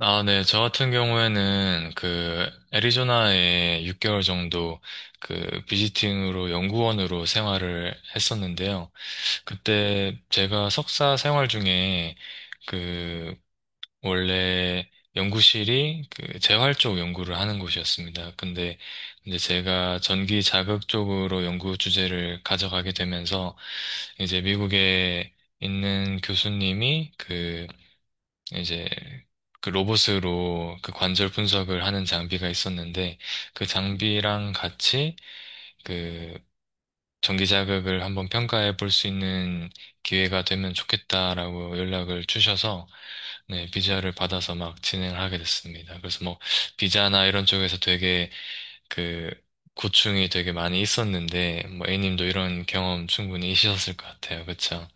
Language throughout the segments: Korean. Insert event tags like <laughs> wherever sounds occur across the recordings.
아, 네. 저 같은 경우에는 그 애리조나에 6개월 정도 그 비지팅으로 연구원으로 생활을 했었는데요. 그때 제가 석사 생활 중에 그 원래 연구실이 그 재활 쪽 연구를 하는 곳이었습니다. 근데 이제 제가 전기 자극 쪽으로 연구 주제를 가져가게 되면서 이제 미국에 있는 교수님이 그 이제 그 로봇으로 그 관절 분석을 하는 장비가 있었는데, 그 장비랑 같이 그 전기 자극을 한번 평가해 볼 수 있는 기회가 되면 좋겠다라고 연락을 주셔서, 네, 비자를 받아서 막 진행을 하게 됐습니다. 그래서 뭐 비자나 이런 쪽에서 되게 그 고충이 되게 많이 있었는데, 뭐 A님도 이런 경험 충분히 있으셨을 것 같아요. 그쵸?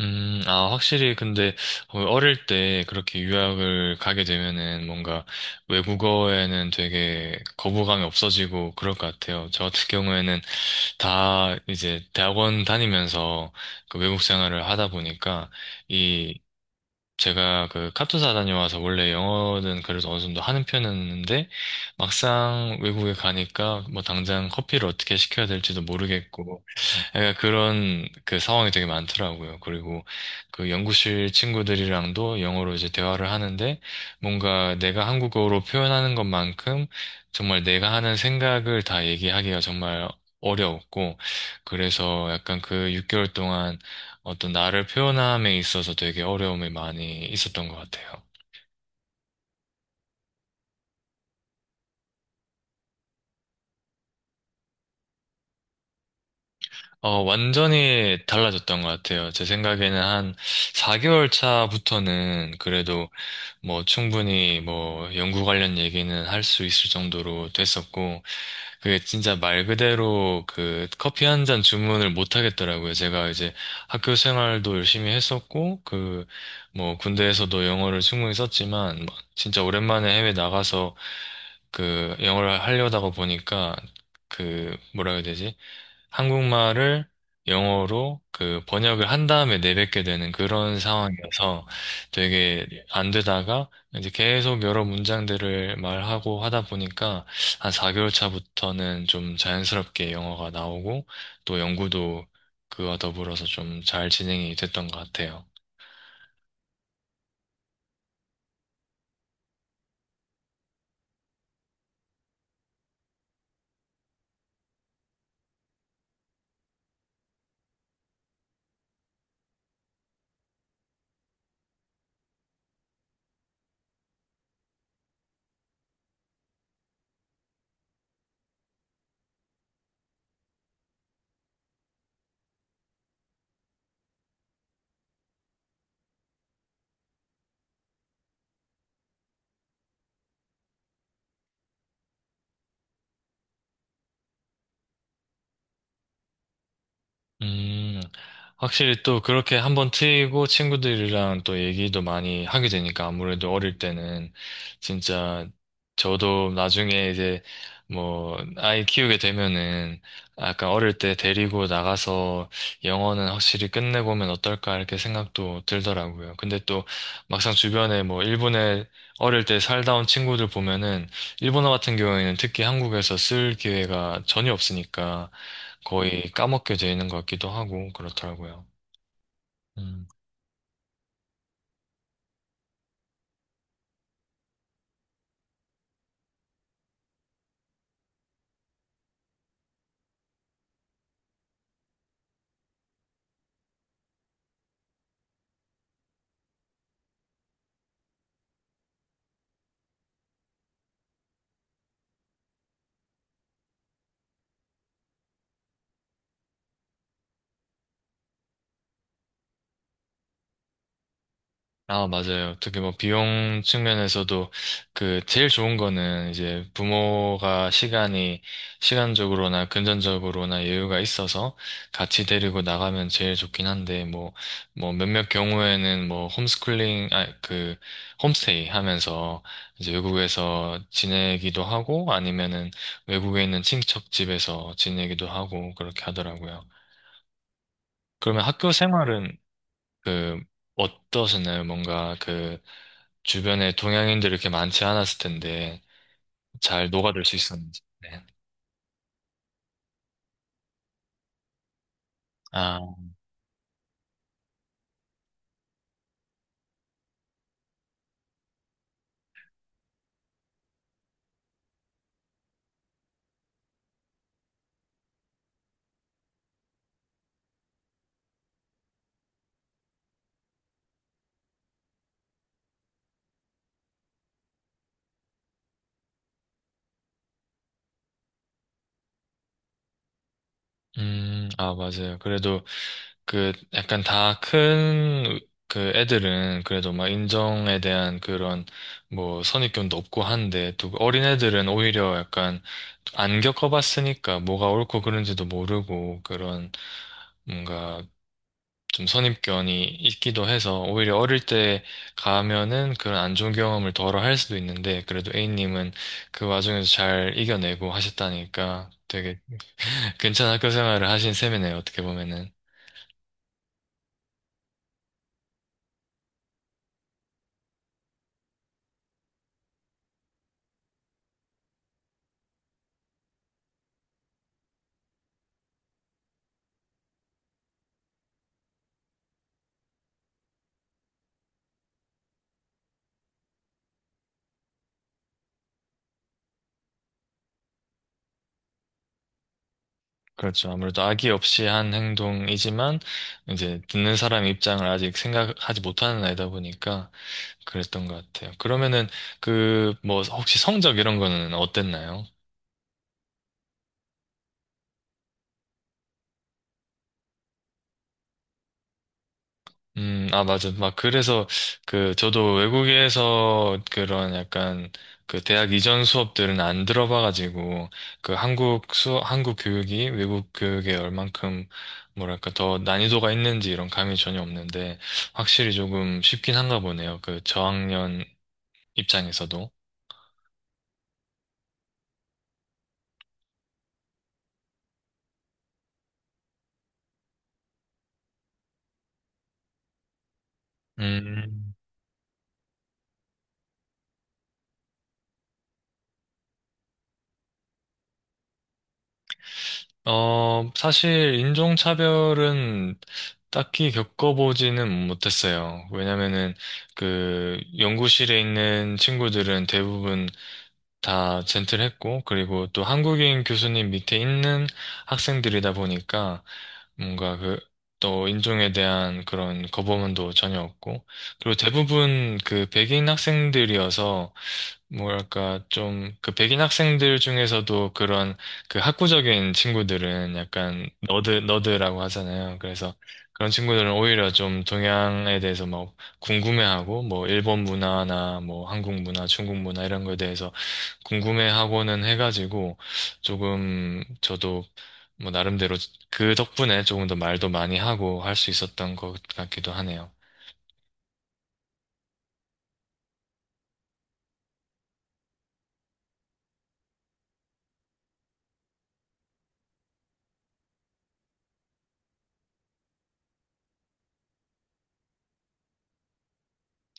아, 확실히, 근데, 어릴 때 그렇게 유학을 가게 되면은 뭔가 외국어에는 되게 거부감이 없어지고 그럴 것 같아요. 저 같은 경우에는 다 이제 대학원 다니면서 그 외국 생활을 하다 보니까 이 제가 그 카투사 다녀와서 원래 영어는 그래도 어느 정도 하는 편이었는데, 막상 외국에 가니까 뭐 당장 커피를 어떻게 시켜야 될지도 모르겠고 약간 그런 그 상황이 되게 많더라고요. 그리고 그 연구실 친구들이랑도 영어로 이제 대화를 하는데, 뭔가 내가 한국어로 표현하는 것만큼 정말 내가 하는 생각을 다 얘기하기가 정말 어려웠고, 그래서 약간 그 6개월 동안 어떤 나를 표현함에 있어서 되게 어려움이 많이 있었던 것 같아요. 완전히 달라졌던 것 같아요. 제 생각에는 한 4개월 차부터는 그래도 뭐 충분히 뭐 연구 관련 얘기는 할 수 있을 정도로 됐었고, 그게 진짜 말 그대로 그 커피 한 잔 주문을 못 하겠더라고요. 제가 이제 학교 생활도 열심히 했었고, 그 뭐 군대에서도 영어를 충분히 썼지만, 막 진짜 오랜만에 해외 나가서 그 영어를 하려다가 보니까, 그 뭐라 해야 되지? 한국말을 영어로 그 번역을 한 다음에 내뱉게 되는 그런 상황이어서 되게 안 되다가, 이제 계속 여러 문장들을 말하고 하다 보니까 한 4개월 차부터는 좀 자연스럽게 영어가 나오고, 또 연구도 그와 더불어서 좀 잘 진행이 됐던 것 같아요. 음, 확실히 또 그렇게 한번 트이고 친구들이랑 또 얘기도 많이 하게 되니까 아무래도 어릴 때는 진짜, 저도 나중에 이제 뭐 아이 키우게 되면은 아까 어릴 때 데리고 나가서 영어는 확실히 끝내보면 어떨까 이렇게 생각도 들더라고요. 근데 또 막상 주변에 뭐 일본에 어릴 때 살다 온 친구들 보면은 일본어 같은 경우에는 특히 한국에서 쓸 기회가 전혀 없으니까 거의 까먹게 되는 것 같기도 하고 그렇더라고요. 음. 아, 맞아요. 어떻게 뭐 비용 측면에서도 그 제일 좋은 거는 이제 부모가 시간이, 시간적으로나 금전적으로나 여유가 있어서 같이 데리고 나가면 제일 좋긴 한데, 뭐 몇몇 경우에는 뭐 홈스쿨링, 아, 그 홈스테이 하면서 이제 외국에서 지내기도 하고, 아니면은 외국에 있는 친척 집에서 지내기도 하고 그렇게 하더라고요. 그러면 학교 생활은 그 어떠셨나요? 뭔가 그 주변에 동양인들이 이렇게 많지 않았을 텐데 잘 녹아들 수 있었는지. 네. 아, 아, 맞아요. 그래도 그 약간 다 큰 그 애들은 그래도 막 인정에 대한 그런 뭐 선입견도 없고 한데, 또 그 어린 애들은 오히려 약간 안 겪어봤으니까 뭐가 옳고 그른지도 모르고, 그런 뭔가 좀 선입견이 있기도 해서 오히려 어릴 때 가면은 그런 안 좋은 경험을 덜어 할 수도 있는데, 그래도 A님은 그 와중에서 잘 이겨내고 하셨다니까 되게 <laughs> 괜찮은 학교 생활을 하신 셈이네요, 어떻게 보면은. 그렇죠. 아무래도 악의 없이 한 행동이지만 이제 듣는 사람 입장을 아직 생각하지 못하는 나이다 보니까 그랬던 것 같아요. 그러면은 그 뭐 혹시 성적 이런 거는 어땠나요? 아, 맞아. 막, 그래서, 그, 저도 외국에서 그런 약간, 그, 대학 이전 수업들은 안 들어봐가지고, 그, 한국 수, 한국 교육이 외국 교육에 얼만큼, 뭐랄까, 더 난이도가 있는지 이런 감이 전혀 없는데, 확실히 조금 쉽긴 한가 보네요. 그, 저학년 입장에서도. 음. 사실 인종차별은 딱히 겪어보지는 못했어요. 왜냐면은 그 연구실에 있는 친구들은 대부분 다 젠틀했고, 그리고 또 한국인 교수님 밑에 있는 학생들이다 보니까 뭔가 그, 또 인종에 대한 그런 거부감도 전혀 없고, 그리고 대부분 그 백인 학생들이어서 뭐랄까, 좀, 그 백인 학생들 중에서도 그런 그 학구적인 친구들은 약간 너드, 너드라고 하잖아요. 그래서 그런 친구들은 오히려 좀 동양에 대해서 막 궁금해하고, 뭐, 일본 문화나 뭐, 한국 문화, 중국 문화 이런 거에 대해서 궁금해하고는 해가지고, 조금 저도 뭐, 나름대로 그 덕분에 조금 더 말도 많이 하고 할 수 있었던 것 같기도 하네요.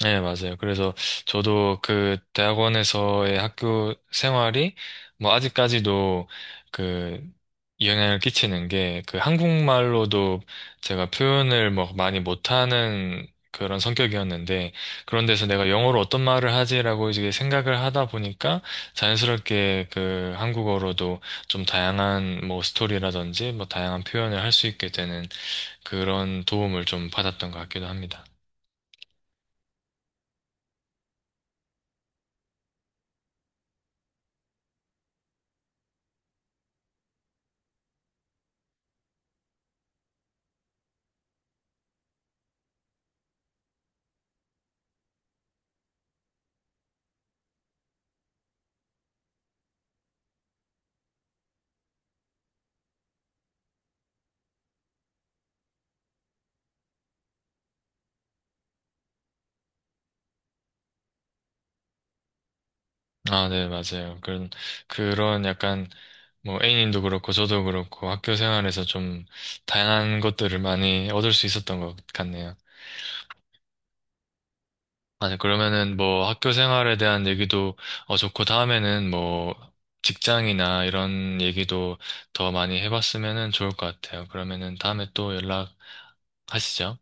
네, 맞아요. 그래서 저도 그 대학원에서의 학교 생활이 뭐 아직까지도 그 영향을 끼치는 게, 그 한국말로도 제가 표현을 뭐 많이 못하는 그런 성격이었는데, 그런 데서 내가 영어로 어떤 말을 하지라고 이제 생각을 하다 보니까 자연스럽게 그 한국어로도 좀 다양한 뭐 스토리라든지 뭐 다양한 표현을 할 수 있게 되는, 그런 도움을 좀 받았던 것 같기도 합니다. 아, 네, 맞아요. 그런 약간, 뭐, A님도 그렇고, 저도 그렇고, 학교 생활에서 좀 다양한 것들을 많이 얻을 수 있었던 것 같네요. 아, 네, 그러면은 뭐, 학교 생활에 대한 얘기도, 좋고, 다음에는 뭐, 직장이나 이런 얘기도 더 많이 해봤으면은 좋을 것 같아요. 그러면은 다음에 또 연락하시죠.